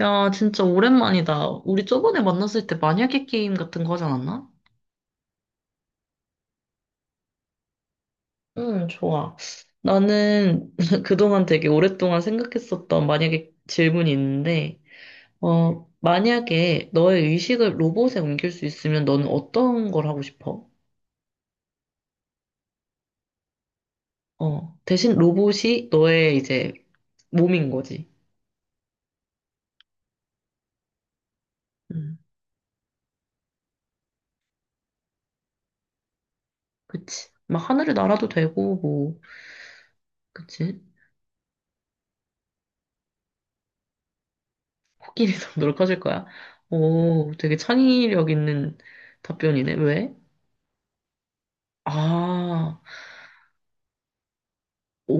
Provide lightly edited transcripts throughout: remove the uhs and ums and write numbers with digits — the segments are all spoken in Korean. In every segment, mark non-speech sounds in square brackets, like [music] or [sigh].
야, 진짜 오랜만이다. 우리 저번에 만났을 때 만약에 게임 같은 거 하지 않았나? 응, 좋아. 나는 [laughs] 그동안 되게 오랫동안 생각했었던 만약에 질문이 있는데, 어, 만약에 너의 의식을 로봇에 옮길 수 있으면 너는 어떤 걸 하고 싶어? 어, 대신 로봇이 너의 이제 몸인 거지. 음 그치. 막 하늘을 날아도 되고, 뭐, 그치? 코끼리도 [laughs] 놀 하실 거야. 오, 되게 창의력 있는 답변이네. 왜? 아, 오,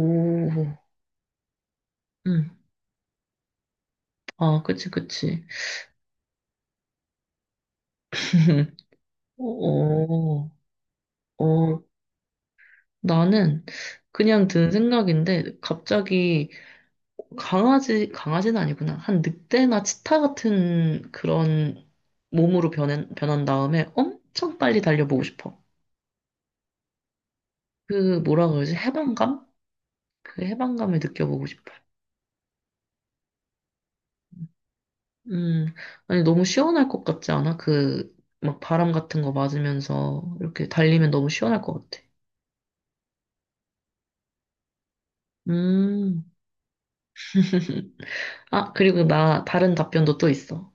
음, 아, 그치, 그치. [laughs] 어, 어, 어, 나는 그냥 든 생각인데, 갑자기 강아지, 강아지는 아니구나. 한 늑대나 치타 같은 그런 몸으로 변한 다음에 엄청 빨리 달려보고 싶어. 그, 뭐라 그러지? 해방감? 그 해방감을 느껴보고 싶어. 음, 아니, 너무 시원할 것 같지 않아? 그, 막 바람 같은 거 맞으면서 이렇게 달리면 너무 시원할 것 같아. 음. [laughs] 아, 그리고 나 다른 답변도 또 있어.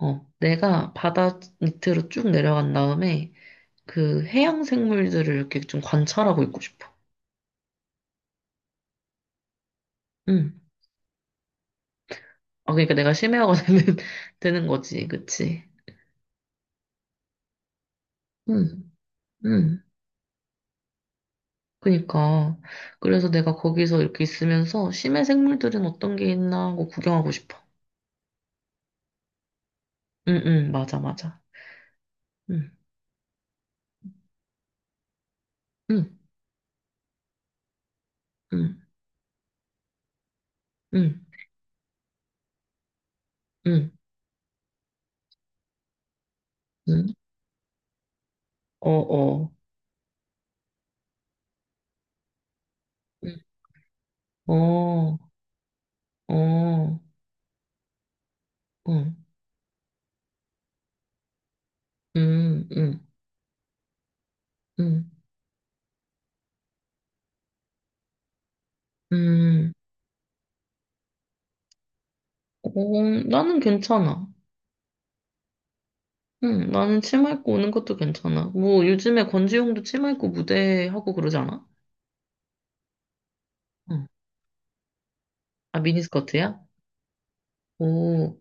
어, 내가 바다 밑으로 쭉 내려간 다음에 그 해양 생물들을 이렇게 좀 관찰하고 있고 싶어. 응. 아, 그러니까 내가 심해화가 [laughs] 되는 거지. 그치? 응, 응. 그니까. 그래서 내가 거기서 이렇게 있으면서 심해 생물들은 어떤 게 있나 하고 구경하고 싶어. 응, 응, 맞아, 맞아. 응, 응, 응, 응, 응, 응. 어, 어. 응. 어, 어. 응, 음, 음, 음, 음. 어, 나는 괜찮아. 응, 나는 치마 입고 오는 것도 괜찮아. 뭐, 요즘에 권지용도 치마 입고 무대 하고 그러지 않아? 응. 아, 미니스커트야? 오,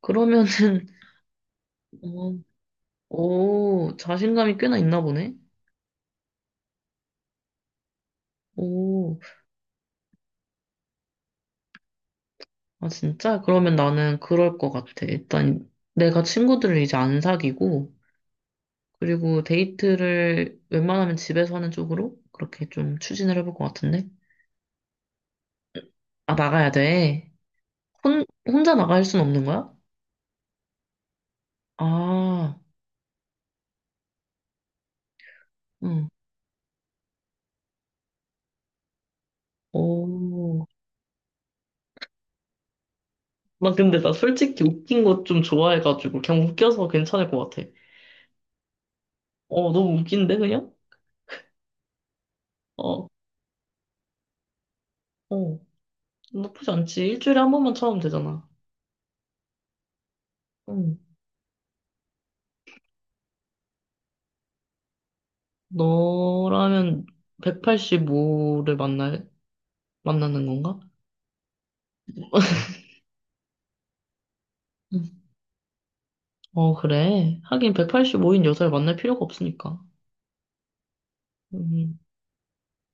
그러면은, [laughs] 어, 오, 자신감이 꽤나 있나 보네? 오, 아, 진짜? 그러면 나는 그럴 것 같아. 일단, 내가 친구들을 이제 안 사귀고, 그리고 데이트를 웬만하면 집에서 하는 쪽으로 그렇게 좀 추진을 해볼 것 같은데? 아, 나가야 돼. 혼자 나갈 순 없는 거야? 아, 응. 오. 나 근데 나 솔직히 웃긴 거 좀 좋아해가지고 그냥 웃겨서 괜찮을 것 같아. 어, 너무 웃긴데 그냥? 어, 어. 나쁘지 않지. 일주일에 한 번만 참으면 되잖아. 응. 너라면 185를 만나는 건가? 응. 어, 그래. 하긴 185인 여자를 만날 필요가 없으니까. 음,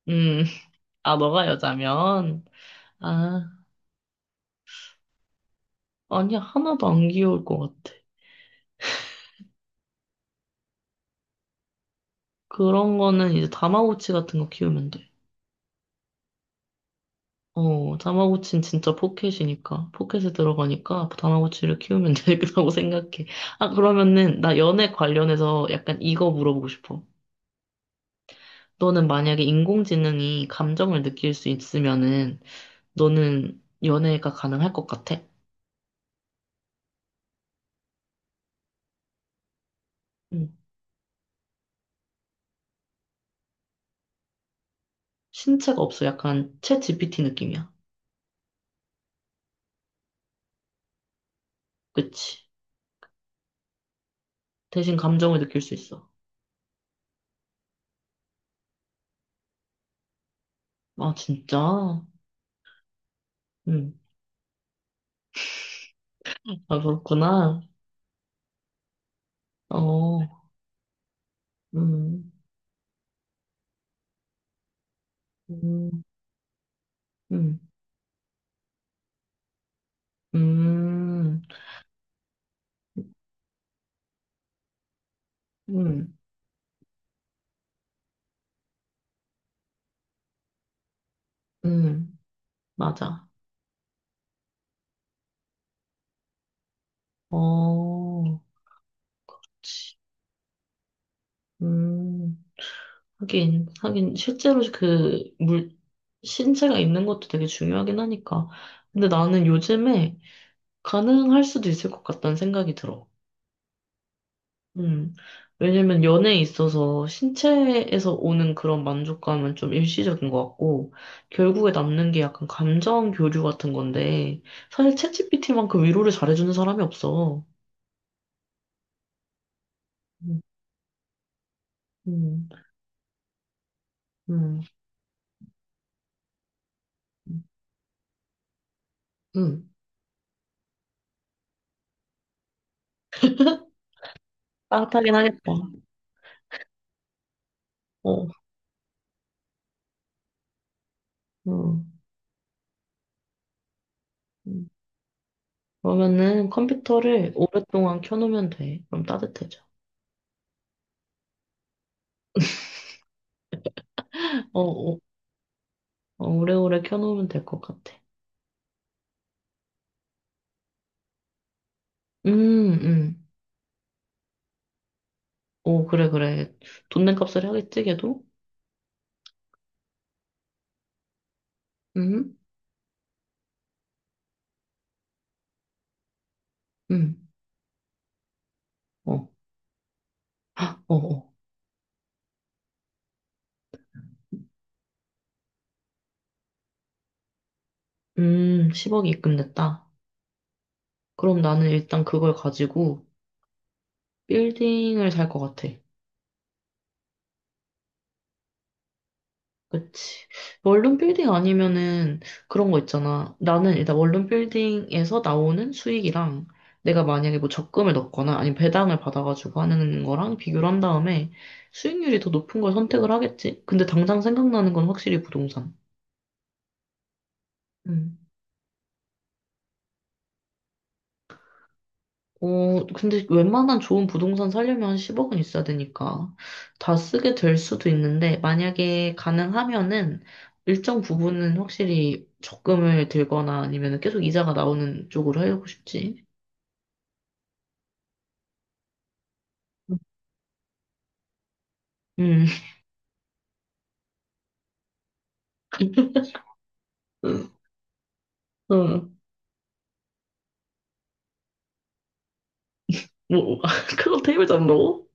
음. 아, 너가 여자면? 아, 아니야. 하나도 안 귀여울 것 같아. 그런 거는 이제 다마고치 같은 거 키우면 돼. 어, 다마고치는 진짜 포켓이니까. 포켓에 들어가니까 다마고치를 키우면 [laughs] 되겠다고 생각해. 아, 그러면은 나 연애 관련해서 약간 이거 물어보고 싶어. 너는 만약에 인공지능이 감정을 느낄 수 있으면은 너는 연애가 가능할 것 같아? 응. 신체가 없어. 약간 챗 GPT 느낌이야. 그치? 대신 감정을 느낄 수 있어. 아, 진짜? 응. 아, 그렇구나. 어, 음. 음. 음, 음, 음, 음, 맞아. 어, 음, 하긴, 하긴, 실제로 그 신체가 있는 것도 되게 중요하긴 하니까. 근데 나는 요즘에 가능할 수도 있을 것 같다는 생각이 들어. 음, 왜냐면 연애에 있어서 신체에서 오는 그런 만족감은 좀 일시적인 것 같고, 결국에 남는 게 약간 감정 교류 같은 건데, 사실 챗GPT만큼 위로를 잘해주는 사람이 없어. 음, 음, 음. 빠듯하긴 하겠다. 어, 어 음. 그러면은 컴퓨터를 오랫동안 켜놓으면 돼. 그럼 따뜻해져. 어, 어, 어, 오래오래 켜놓으면 될 것 같아. 음, 음. 오, 그래, 그래. 돈 낸 값을 하겠지, 걔도? 음, 음. 어, 헉, 어, 어. 10억이 입금됐다. 그럼 나는 일단 그걸 가지고 빌딩을 살 것 같아. 그치. 원룸 빌딩 아니면은 그런 거 있잖아. 나는 일단 원룸 빌딩에서 나오는 수익이랑 내가 만약에 뭐 적금을 넣거나 아니면 배당을 받아가지고 하는 거랑 비교를 한 다음에 수익률이 더 높은 걸 선택을 하겠지. 근데 당장 생각나는 건 확실히 부동산. 어, 근데 웬만한 좋은 부동산 살려면 10억은 있어야 되니까 다 쓰게 될 수도 있는데 만약에 가능하면은 일정 부분은 확실히 적금을 들거나 아니면 계속 이자가 나오는 쪽으로 하려고 싶지. 음, [laughs] 음, 뭐, [laughs] 그거 테이블 잡는다고?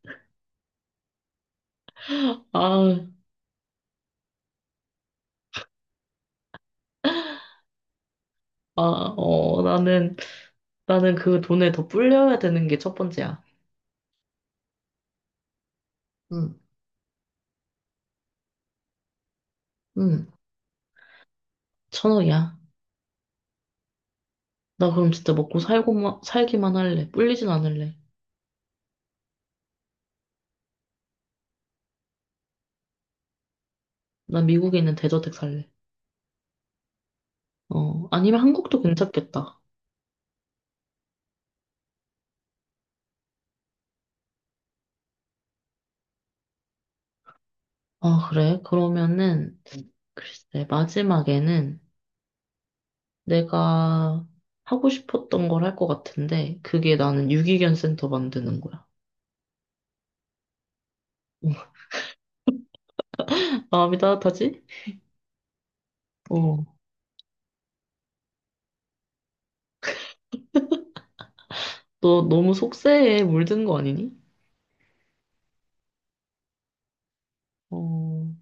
아, 아, 어, 나는 그 돈에 더 불려야 되는 게 첫 번째야. 응. 응. 1,000억이야. 나 그럼 진짜 먹고 살기만 할래. 불리진 않을래. 난 미국에 있는 대저택 살래. 어, 아니면 한국도 괜찮겠다. 아, 그래? 그러면은, 글쎄, 마지막에는 내가 하고 싶었던 걸 할 것 같은데, 그게 나는 유기견 센터 만드는 거야. [laughs] 마음이 따뜻하지? 어. 너 너무 속세에 물든 거 아니니? 어,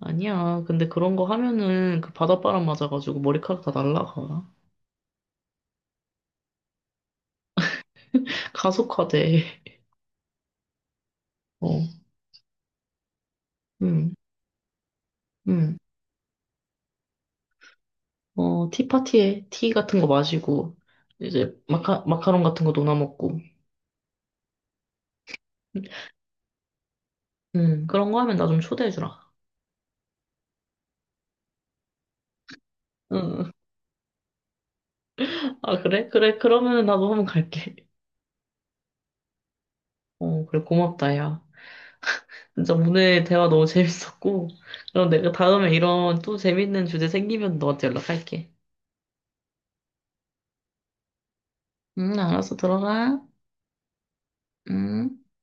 아니야. 근데 그런 거 하면은 그 바닷바람 맞아가지고 머리카락 다 날라가. [laughs] 가속화돼. 어, 응, 응. 어, 티파티에 티 같은 거 마시고, 이제 마카롱 같은 거 도나 먹고, 그런 거 하면 나 좀 초대해주라. 응. 아, 그래? 그래, 그러면 나도 한번 갈게. 어, 그래, 고맙다, 야. 진짜 오늘 대화 너무 재밌었고, 그럼 내가 다음에 이런 또 재밌는 주제 생기면 너한테 연락할게. 응, 알았어, 들어가. 응.